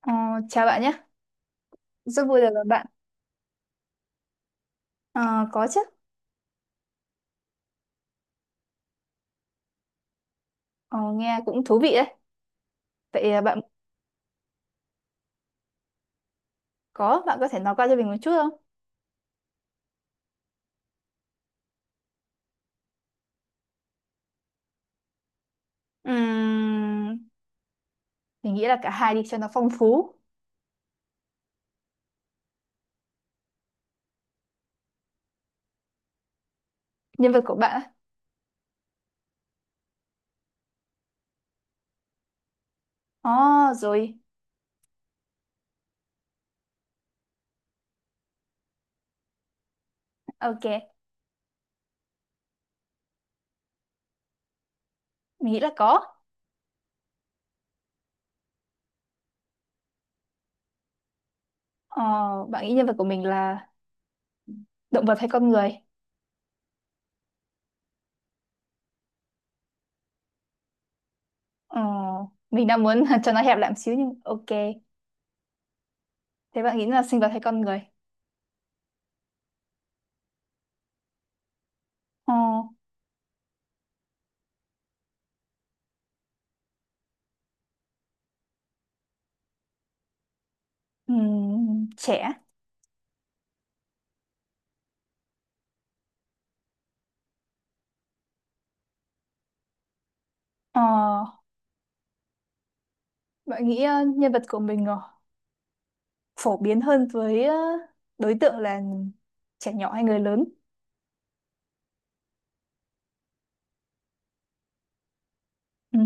Ờ, Chào bạn nhé, rất vui được gặp bạn. Ờ, có chứ. Ờ, Nghe cũng thú vị đấy. Vậy à, bạn có thể nói qua cho mình một chút không? Ừm, mình nghĩ là cả hai đi cho nó phong phú. Nhân vật của bạn á? Ồ, rồi, ok, mình nghĩ là có. Ờ, Bạn nghĩ nhân vật của mình là động vật hay con người? Ờ, mình đang muốn cho nó hẹp lại một xíu nhưng ok. Thế bạn nghĩ là sinh vật hay con người? Ờ, Trẻ. Ờ, Bạn nghĩ nhân vật của mình phổ biến hơn với đối tượng là trẻ nhỏ hay người lớn. Ừ.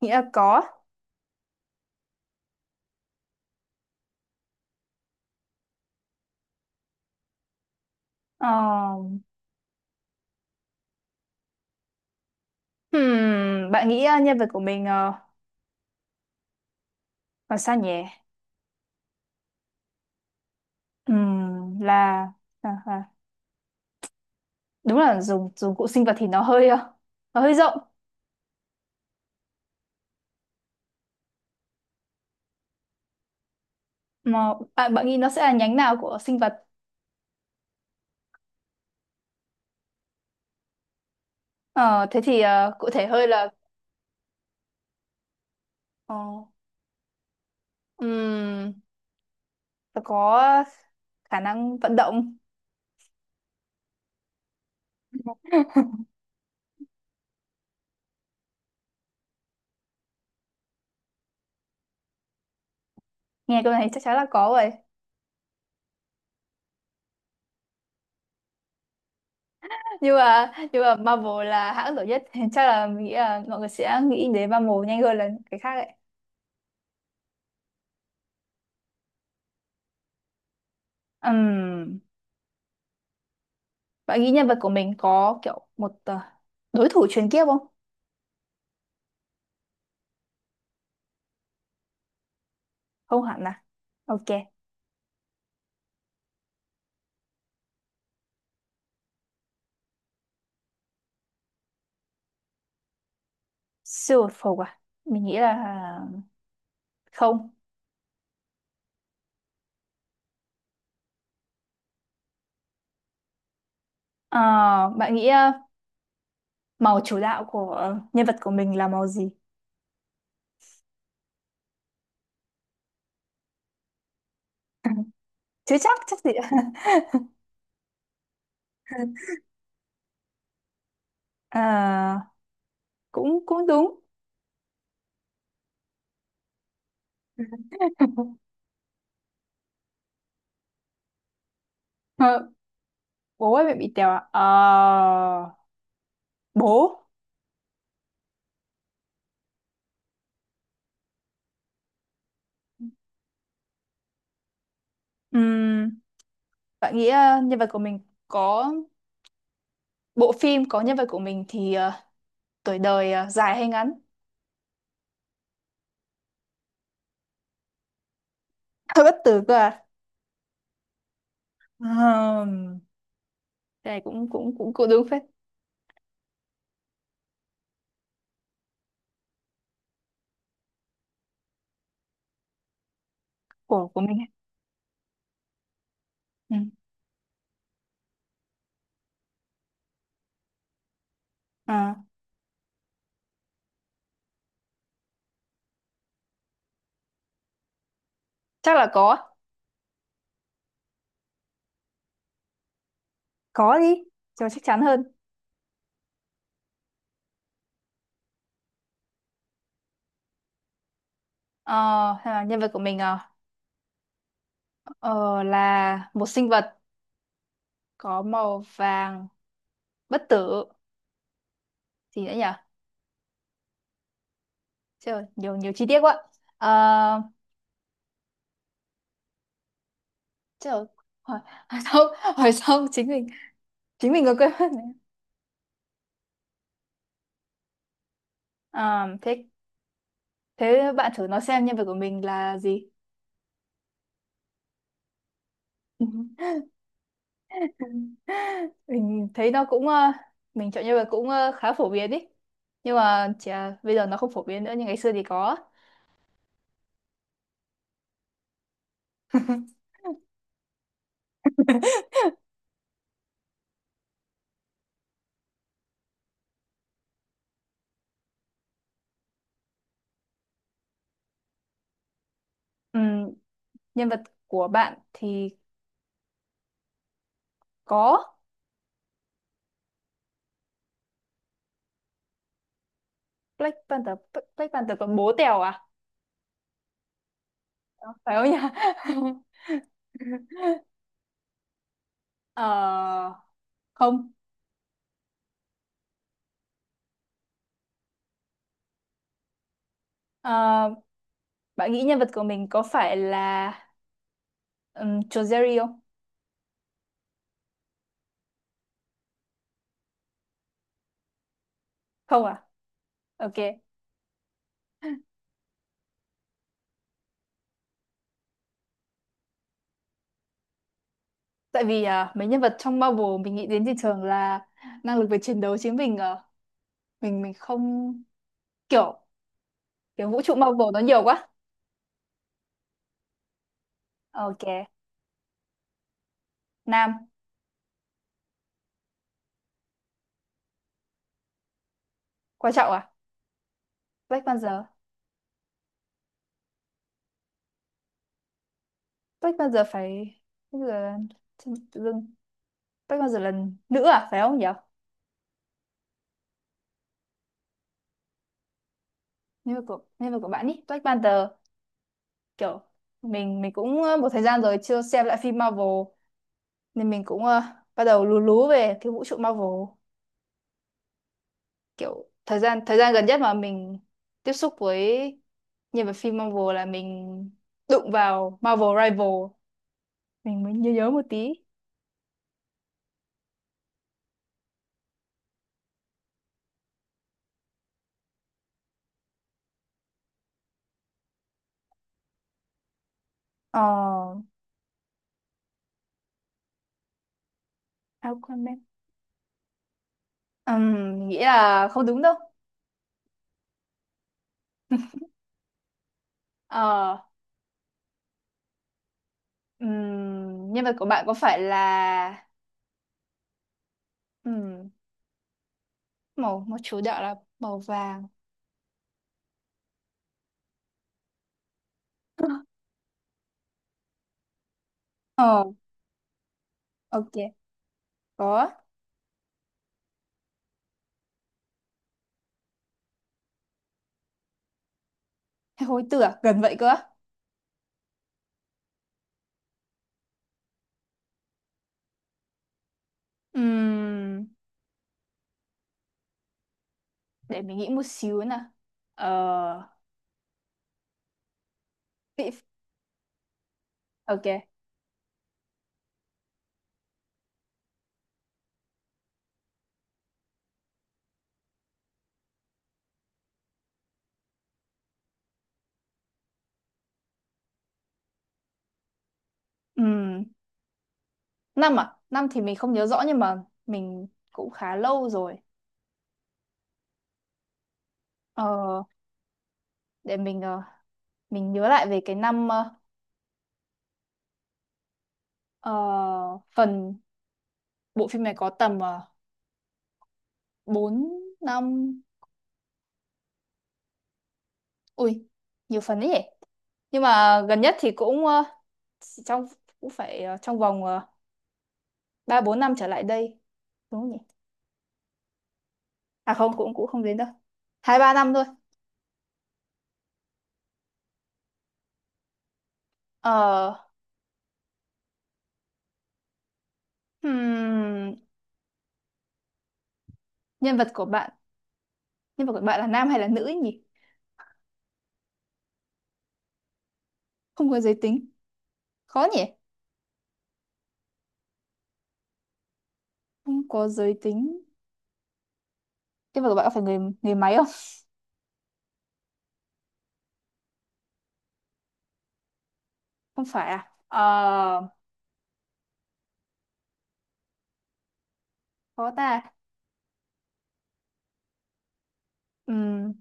Nghĩ là có. Ờ, Bạn nghĩ nhân vật của mình là sao nhỉ? Là, là đúng là dùng dùng cụ sinh vật thì nó hơi, nó hơi rộng. Mà bạn bạn nghĩ nó sẽ là nhánh nào của sinh vật? Ờ, Thế thì cụ thể hơi là ờ, ừm, nó có khả năng vận động. Nghe câu này chắc chắn là có rồi. Nhưng mà Marvel là hãng nổi nhất thì chắc là mình nghĩ là mọi người sẽ nghĩ đến Marvel nhanh hơn là cái khác ấy. Ừm, Bạn nghĩ nhân vật của mình có kiểu một đối thủ truyền kiếp không? Không hẳn à, ok. Siêu vật phục à, mình nghĩ là không. Ờ, Bạn nghĩ màu chủ đạo của nhân vật của mình là màu gì? Chứ chắc chắc gì ạ? Ờ, Cũng cũng đúng. Ờ, Bố ơi mẹ bị tèo à? Ờ, Bố. Bạn nghĩ nhân vật của mình có bộ phim có nhân vật của mình thì tuổi đời dài hay ngắn? Hơi bất tử cơ à? Ừm, cái này cũng cũng cũng cũng đúng phết. Của mình. Ừ. À, chắc là có. Có đi, cho chắc chắn hơn. Ờ, Hay là nhân vật của mình ờ, là một sinh vật có màu vàng bất tử, gì nữa nhỉ? Trời, nhiều nhiều chi tiết quá. Uh, trời, hỏi, hỏi xong hỏi xong chính mình có quên mất. Thế thế bạn thử nói xem nhân vật của mình là gì? Ừ. Mình thấy nó cũng mình chọn nhân vật cũng khá phổ biến ý. Nhưng mà chỉ là bây giờ nó không phổ biến nữa nhưng ngày xưa thì có. Ừm, Nhân vật của bạn thì có. Black Panther còn bố Tèo à? Đó, phải không nhỉ? Ờ, Không. Ờ, Bạn nghĩ nhân vật của mình có phải là Joe Jerry không? Không à? Ok. Tại vì à, mấy nhân vật trong Marvel mình nghĩ đến thì thường là năng lực về chiến đấu chứ mình à, mình mình không kiểu, kiểu vũ trụ Marvel nó nhiều quá. Ok. Nam. Quan trọng à? Black Panther. Black Panther phải. Bây giờ tự dưng Black Panther là nữ à, phải không nhỉ? Nhân vật của bạn ý, Black Panther, kiểu mình cũng một thời gian rồi chưa xem lại phim Marvel nên mình cũng bắt đầu lú lú về cái vũ trụ Marvel, kiểu thời gian gần nhất mà mình tiếp xúc với nhân vật phim Marvel là mình đụng vào Marvel Rival mình mới nhớ nhớ một tí. Ờ, Aquaman. Mình nghĩ là không đúng đâu. ờ Nhân vật của bạn có phải là ừm, màu màu chủ đạo là màu vàng? Ờ, ok, có. Hay hối tưởng gần vậy cơ. Ừm, để mình nghĩ một xíu nè. ờ vị- ok. Ừm, Năm thì mình không nhớ rõ nhưng mà mình cũng khá lâu rồi. ờ, để mình ờ, mình nhớ lại về cái năm ờ, phần, bộ phim này có tầm bốn, năm, ui, nhiều phần ấy nhỉ. Nhưng mà gần nhất thì cũng chỉ trong, cũng phải trong vòng ba bốn năm trở lại đây, đúng không nhỉ? À không, cũng cũng không đến đâu. Hai ba năm thôi. ờ, hmm, nhân vật của bạn nhân vật của bạn là nam hay là nữ ấy nhỉ? Không có giới tính, khó nhỉ. Không có giới tính. Cái vật của bạn có phải người người máy không? Không phải à? Ờ, có ta. Ừm,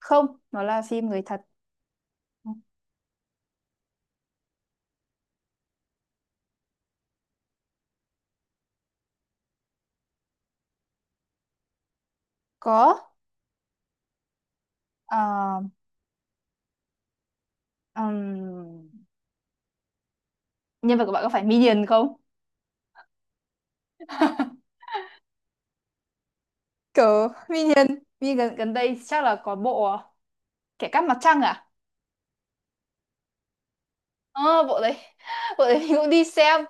Không, nó là phim người thật. Có. Ờ, ừm, Nhân vật của bạn có phải Minion không? Cờ Minion. Minion gần, gần đây chắc là có bộ à, Kẻ cắp mặt trăng à? Ờ, Bộ đấy. Bộ đấy mình cũng đi xem.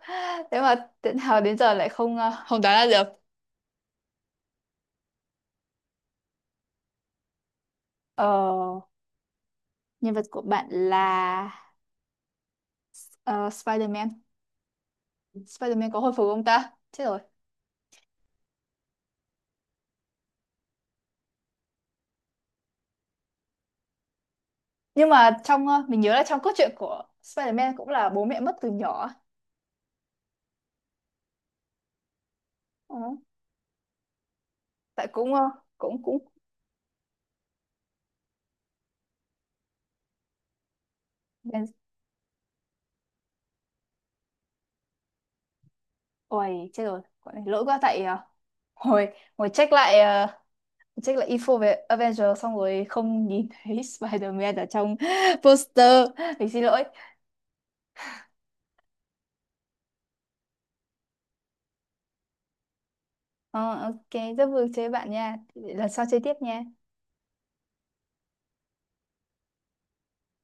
Thế mà đến nào đến giờ lại không không đoán ra được. Ờ, Nhân vật của bạn là ờ, Spider-Man. Spider-Man có hồi phục không ta? Chết rồi. Nhưng mà trong mình nhớ là trong cốt truyện của Spider-Man cũng là bố mẹ mất từ nhỏ. Ừ. tại cũng ờ, cũng cũng Ben- Ôi chết rồi, quả này lỗi quá. Tại hồi hồi check lại check lại info về Avengers xong rồi không nhìn thấy Spider-Man ở trong poster. Mình xin lỗi. Ờ, ok, rất vui chơi với bạn nha, lần sau chơi tiếp nha.